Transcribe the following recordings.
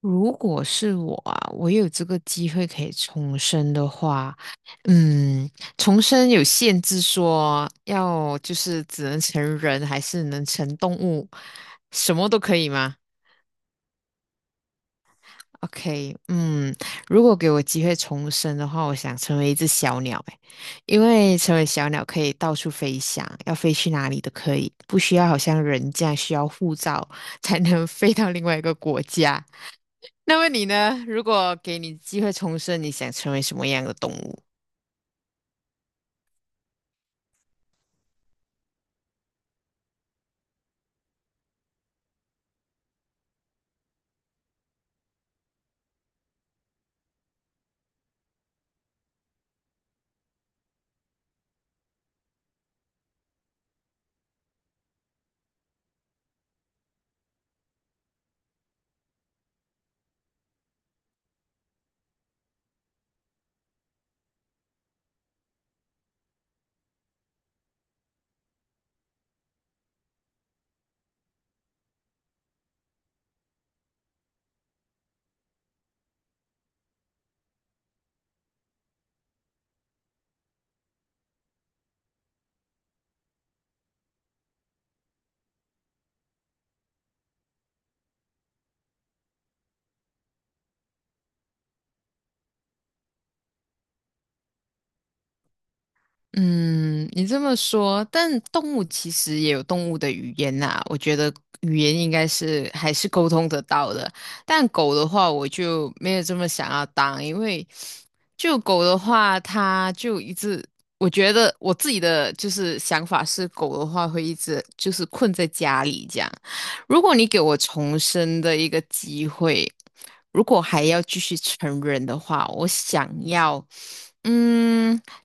如果是我啊，我有这个机会可以重生的话，嗯，重生有限制说，要就是只能成人，还是能成动物，什么都可以吗？OK，嗯，如果给我机会重生的话，我想成为一只小鸟，诶，因为成为小鸟可以到处飞翔，要飞去哪里都可以，不需要好像人这样需要护照才能飞到另外一个国家。那么你呢？如果给你机会重生，你想成为什么样的动物？嗯，你这么说，但动物其实也有动物的语言呐、我觉得语言应该是还是沟通得到的。但狗的话，我就没有这么想要当，因为就狗的话，它就一直，我觉得我自己的就是想法是，狗的话会一直就是困在家里这样。如果你给我重生的一个机会，如果还要继续成人的话，我想要，嗯。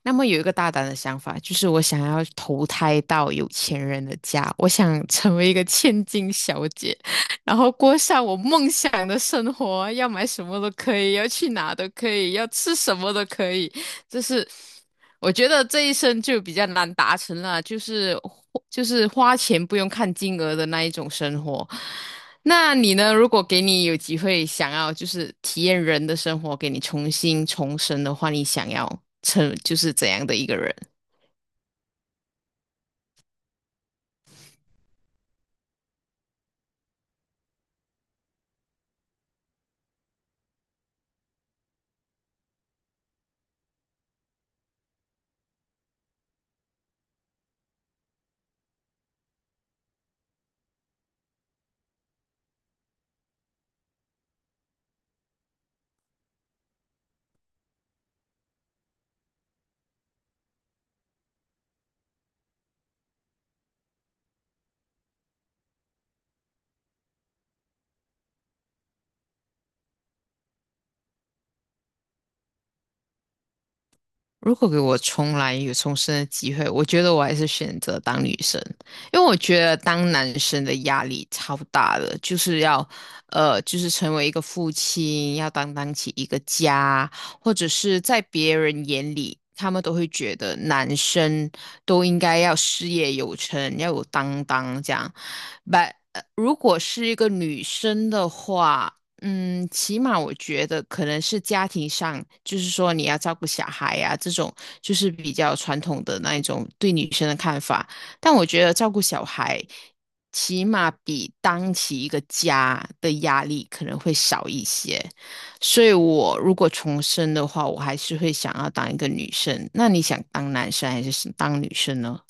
那么有一个大胆的想法，就是我想要投胎到有钱人的家，我想成为一个千金小姐，然后过上我梦想的生活，要买什么都可以，要去哪都可以，要吃什么都可以。就是我觉得这一生就比较难达成了，就是花钱不用看金额的那一种生活。那你呢？如果给你有机会想要就是体验人的生活，给你重新重生的话，你想要成就是怎样的一个人？如果给我重来有重生的机会，我觉得我还是选择当女生，因为我觉得当男生的压力超大的，就是要，就是成为一个父亲，要担当起一个家，或者是在别人眼里，他们都会觉得男生都应该要事业有成，要有担当这样。But 如果是一个女生的话，嗯，起码我觉得可能是家庭上，就是说你要照顾小孩呀、这种就是比较传统的那一种对女生的看法。但我觉得照顾小孩，起码比当起一个家的压力可能会少一些。所以我如果重生的话，我还是会想要当一个女生。那你想当男生还是当女生呢？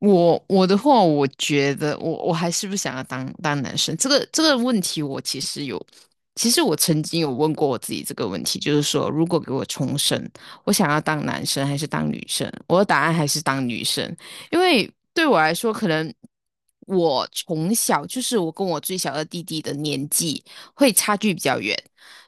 我的话，我觉得我还是不想要当男生。这个问题，我其实有，其实我曾经有问过我自己这个问题，就是说，如果给我重生，我想要当男生还是当女生？我的答案还是当女生，因为对我来说，可能我从小就是我跟我最小的弟弟的年纪会差距比较远，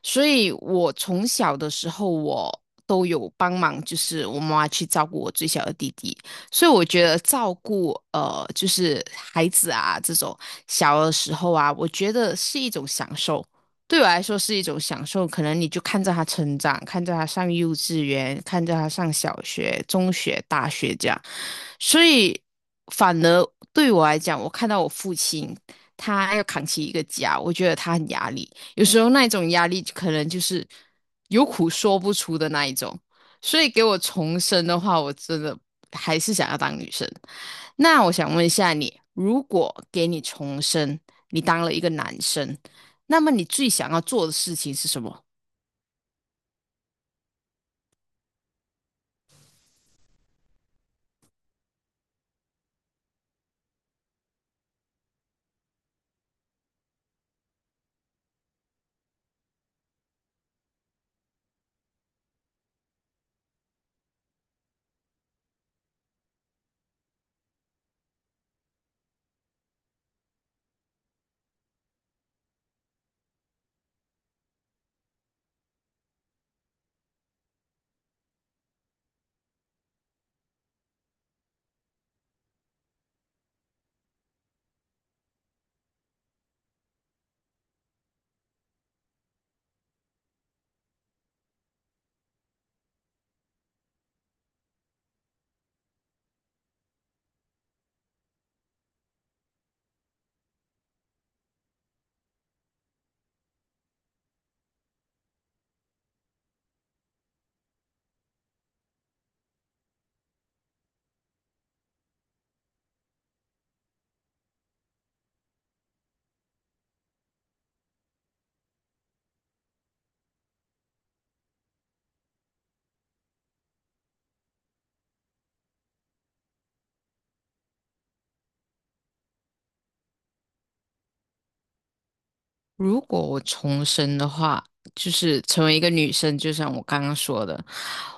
所以我从小的时候我。都有帮忙，就是我妈妈去照顾我最小的弟弟，所以我觉得照顾就是孩子啊这种小的时候啊，我觉得是一种享受。对我来说是一种享受，可能你就看着他成长，看着他上幼稚园，看着他上小学、中学、大学这样，所以反而对我来讲，我看到我父亲他要扛起一个家，我觉得他很压力，有时候那一种压力可能就是有苦说不出的那一种。所以给我重生的话，我真的还是想要当女生。那我想问一下你，如果给你重生，你当了一个男生，那么你最想要做的事情是什么？如果我重生的话，就是成为一个女生，就像我刚刚说的，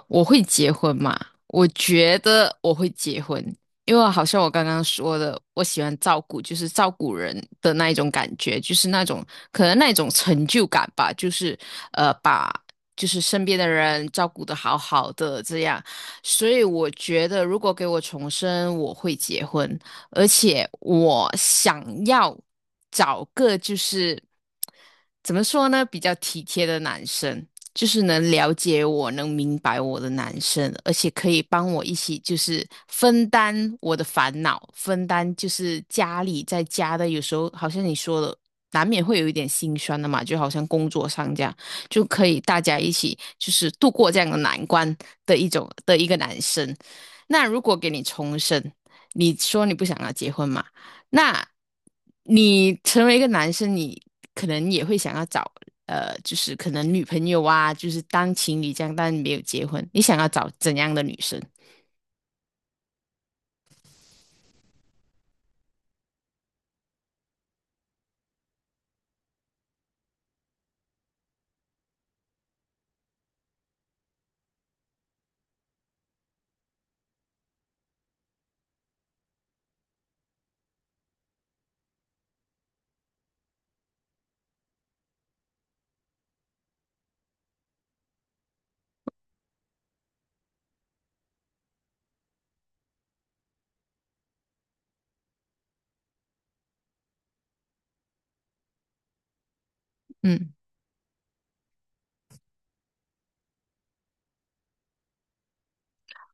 我会结婚嘛？我觉得我会结婚，因为好像我刚刚说的，我喜欢照顾，就是照顾人的那一种感觉，就是那种可能那种成就感吧，就是把就是身边的人照顾得好好的这样，所以我觉得如果给我重生，我会结婚。而且我想要找个就是怎么说呢，比较体贴的男生，就是能了解我、能明白我的男生，而且可以帮我一起就是分担我的烦恼，分担就是家里在家的，有时候好像你说的。难免会有一点心酸的嘛，就好像工作上这样，就可以大家一起就是度过这样的难关的一种的一个男生。那如果给你重生，你说你不想要结婚嘛？那你成为一个男生，你可能也会想要找就是可能女朋友啊，就是当情侣这样，但没有结婚，你想要找怎样的女生？嗯，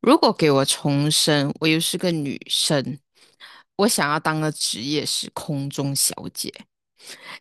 如果给我重生，我又是个女生，我想要当的职业是空中小姐。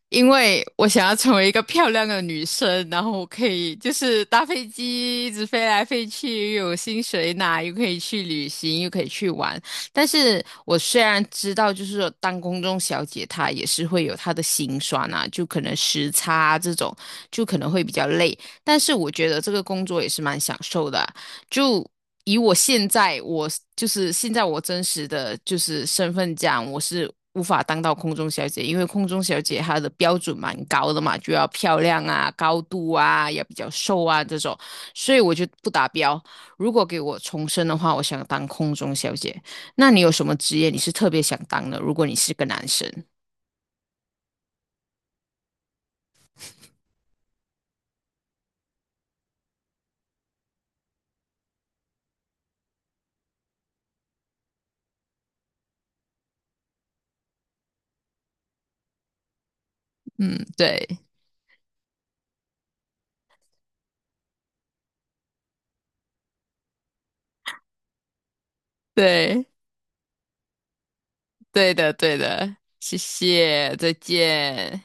因为我想要成为一个漂亮的女生，然后我可以就是搭飞机一直飞来飞去，又有薪水拿，又可以去旅行，又可以去玩。但是我虽然知道，就是说当公中小姐她也是会有她的辛酸啊，就可能时差啊这种，就可能会比较累。但是我觉得这个工作也是蛮享受的啊就以我现在我就是现在我真实的就是身份讲，我是无法当到空中小姐，因为空中小姐她的标准蛮高的嘛，就要漂亮啊、高度啊，也比较瘦啊这种，所以我就不达标。如果给我重生的话，我想当空中小姐。那你有什么职业你是特别想当的？如果你是个男生，嗯，对对对的对的，谢谢，再见。